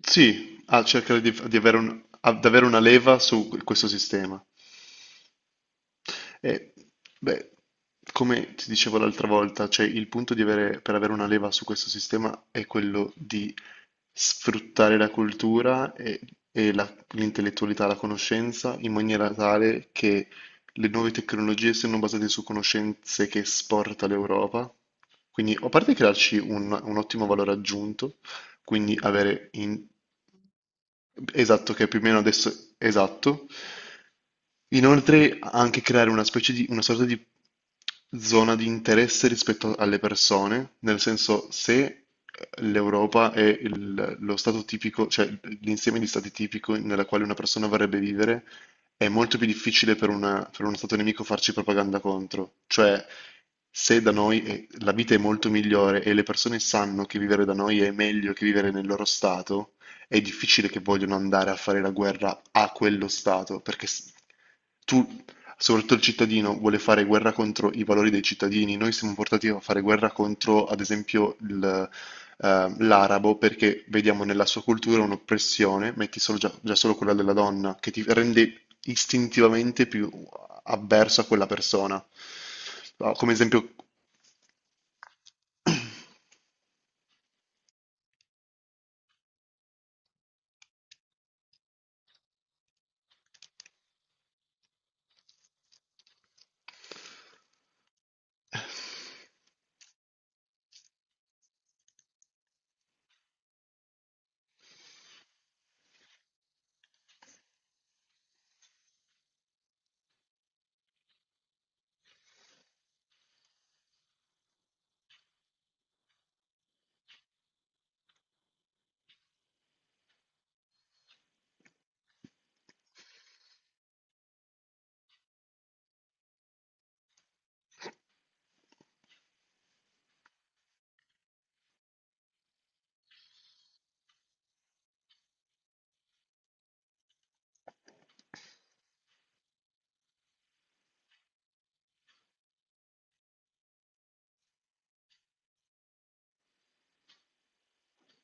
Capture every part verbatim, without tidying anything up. Sì, a cercare di, di avere un- ad avere una leva su questo sistema. E, beh, come ti dicevo l'altra volta, cioè il punto di avere, per avere una leva su questo sistema è quello di sfruttare la cultura e, e la- l'intellettualità, la conoscenza, in maniera tale che le nuove tecnologie siano basate su conoscenze che esporta l'Europa. Quindi, a parte crearci un un ottimo valore aggiunto, quindi avere in- esatto, che è più o meno adesso esatto. Inoltre anche creare una specie di, una sorta di zona di interesse rispetto alle persone, nel senso se l'Europa è il- lo stato tipico, cioè l'insieme di stati tipico nella quale una persona vorrebbe vivere, è molto più difficile per, una- per uno stato nemico farci propaganda contro. Cioè se da noi è- la vita è molto migliore e le persone sanno che vivere da noi è meglio che vivere nel loro stato, è difficile che vogliono andare a fare la guerra a quello Stato, perché s- tu, soprattutto il cittadino, vuole fare guerra contro i valori dei cittadini. Noi siamo portati a fare guerra contro, ad esempio, il, eh, l'arabo, perché vediamo nella sua cultura un'oppressione, metti solo già, già solo quella della donna, che ti rende istintivamente più avverso a quella persona. No, come esempio...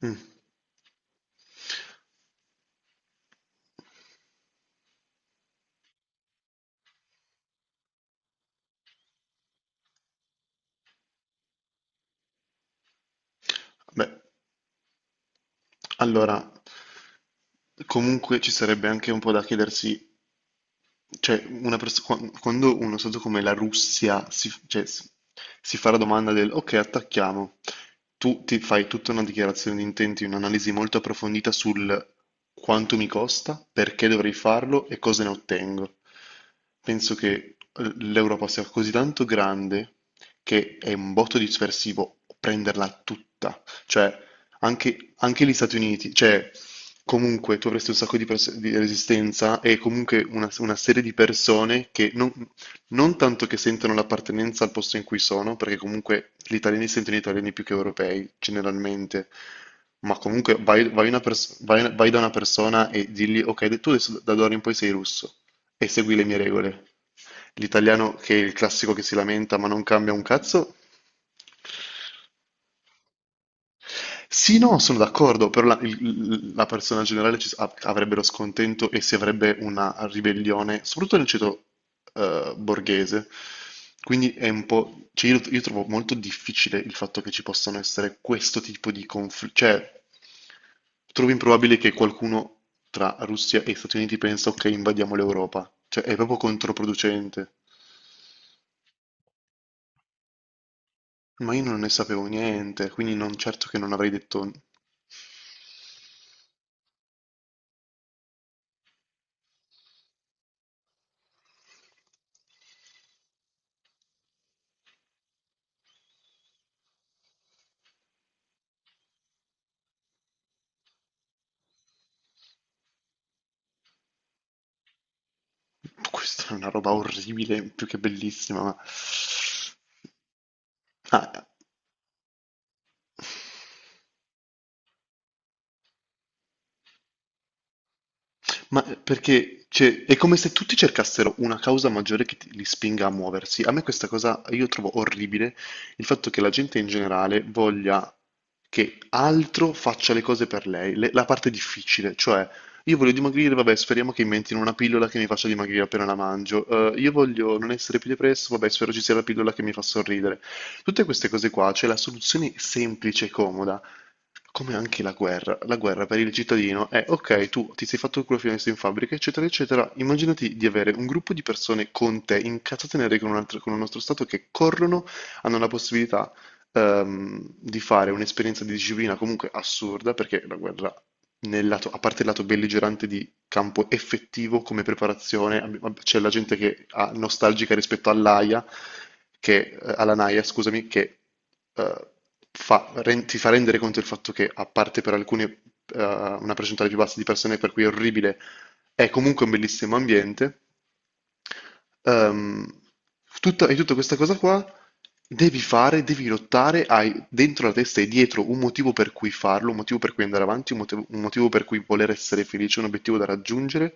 Mm. Beh, allora, comunque ci sarebbe anche un po' da chiedersi. Cioè, una pers- qua- quando uno stato come la Russia si, cioè, si- si fa la domanda del ok, attacchiamo, tu ti fai tutta una dichiarazione di intenti, un'analisi molto approfondita sul quanto mi costa, perché dovrei farlo e cosa ne ottengo. Penso che eh, l'Europa sia così tanto grande che è un botto dispersivo prenderla tutta. Cioè, anche, anche gli Stati Uniti, cioè, comunque tu avresti un sacco di, pers- di resistenza e comunque una, una serie di persone che non, non tanto che sentono l'appartenenza al posto in cui sono, perché comunque gli italiani sentono italiani più che europei, generalmente, ma comunque vai, vai una pers- vai- vai da una persona e digli, ok, tu adesso da da d'ora in poi sei russo e segui le mie regole. L'italiano che è il classico che si lamenta ma non cambia un cazzo, sì, no, sono d'accordo, però la, il- la persona generale ci, av- avrebbero scontento e si avrebbe una ribellione, soprattutto nel ceto eh, borghese. Quindi è un po'... cioè, io, io trovo molto difficile il fatto che ci possano essere questo tipo di conflitti. Cioè, trovo improbabile che qualcuno tra Russia e Stati Uniti pensa, ok, invadiamo l'Europa. Cioè, è proprio controproducente. Ma io non ne sapevo niente, quindi non certo che non avrei detto. Questa è una roba orribile, più che bellissima, ma... Ah. Ma perché, cioè, è come se tutti cercassero una causa maggiore che ti- li spinga a muoversi. A me questa cosa, io trovo orribile il fatto che la gente in generale voglia che altro faccia le cose per lei, le- la parte difficile, cioè io voglio dimagrire, vabbè, speriamo che inventino una pillola che mi faccia dimagrire appena la mangio. Eh, io voglio non essere più depresso, vabbè, spero ci sia la pillola che mi fa sorridere. Tutte queste cose qua, c'è la soluzione semplice e comoda come anche la guerra, la guerra per il cittadino è ok, tu ti sei fatto il culo fino adesso in fabbrica, eccetera, eccetera. Immaginati di avere un gruppo di persone con te, incazzate nere con un altro, con un nostro Stato, che corrono, hanno la possibilità ehm, di fare un'esperienza di disciplina comunque assurda, perché la guerra, nel lato- a parte il lato belligerante di campo effettivo come preparazione. Abbi- C'è la gente che è nostalgica rispetto all'A I A, che, eh, alla N A I A, scusami, che eh, fa- ren- ti fa rendere conto del fatto che, a parte per alcuni eh, una percentuale più bassa di persone, per cui è orribile, è comunque un bellissimo ambiente. Ehm, tutta, e tutta questa cosa qua devi fare, devi lottare, hai dentro la testa e dietro un motivo per cui farlo, un motivo per cui andare avanti, un motivo, un motivo per cui voler essere felice, un obiettivo da raggiungere,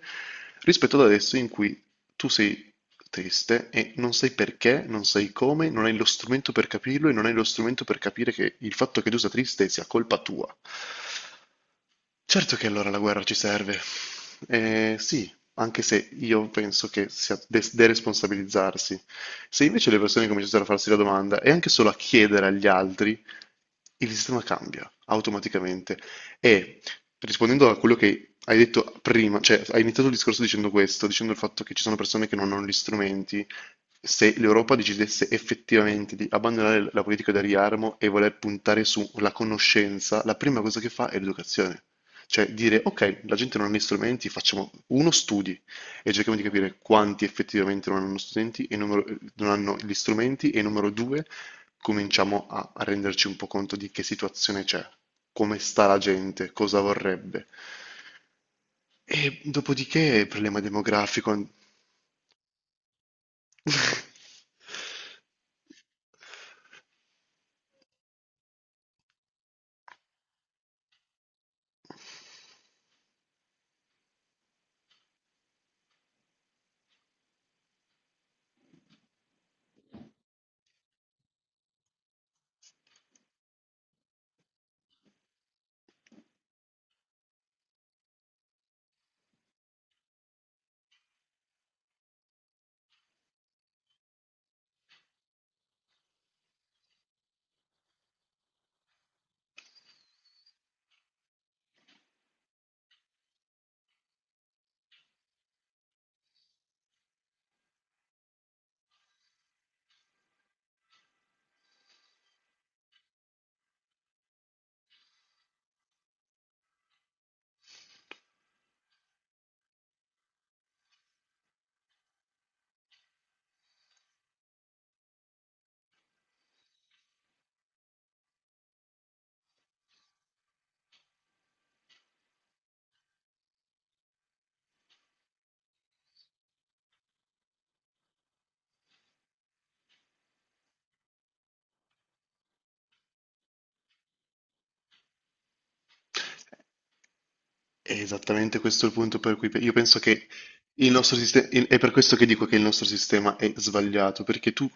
rispetto ad adesso in cui tu sei triste e non sai perché, non sai come, non hai lo strumento per capirlo e non hai lo strumento per capire che il fatto che tu sia triste sia colpa tua. Certo che allora la guerra ci serve. Eh, sì, anche se io penso che sia de- deresponsabilizzarsi. Se invece le persone cominciassero a farsi la domanda e anche solo a chiedere agli altri, il sistema cambia automaticamente. E rispondendo a quello che hai detto prima, cioè hai iniziato il discorso dicendo questo, dicendo il fatto che ci sono persone che non hanno gli strumenti, se l'Europa decidesse effettivamente di abbandonare la politica del riarmo e voler puntare sulla conoscenza, la prima cosa che fa è l'educazione. Cioè dire, ok, la gente non ha gli strumenti, facciamo uno studi e cerchiamo di capire quanti effettivamente non hanno strumenti e numero- non hanno gli strumenti e numero due, cominciamo a, a renderci un po' conto di che situazione c'è, come sta la gente, cosa vorrebbe. E dopodiché il problema demografico... È esattamente questo il punto per cui pe- io penso che il nostro sistema, è per questo che dico che il nostro sistema è sbagliato, perché tu,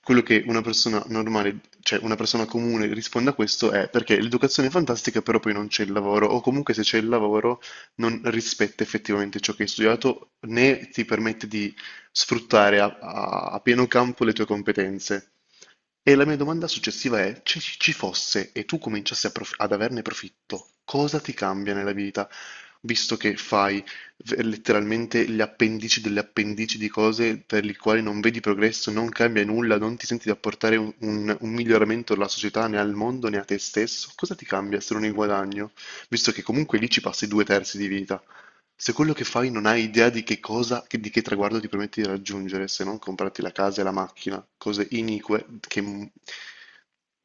quello che una persona normale, cioè una persona comune risponde a questo è perché l'educazione è fantastica, però poi non c'è il lavoro, o comunque se c'è il lavoro non rispetta effettivamente ciò che hai studiato, né ti permette di sfruttare a, a- a pieno campo le tue competenze. E la mia domanda successiva è, se ci ci fosse e tu cominciassi a prof- ad averne profitto, cosa ti cambia nella vita, visto che fai v- letteralmente gli appendici delle appendici di cose per le quali non vedi progresso, non cambia nulla, non ti senti di apportare un, un- un miglioramento alla società, né al mondo, né a te stesso? Cosa ti cambia se non il guadagno, visto che comunque lì ci passi due terzi di vita? Se quello che fai non hai idea di che cosa, che- di che traguardo ti permetti di raggiungere, se non comprarti la casa e la macchina, cose inique che mm,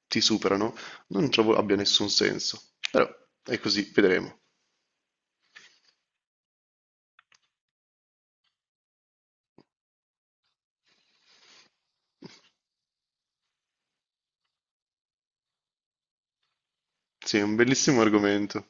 ti superano, non trovo abbia nessun senso. Però è così, vedremo. Sì, è un bellissimo argomento.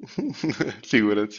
Figurati.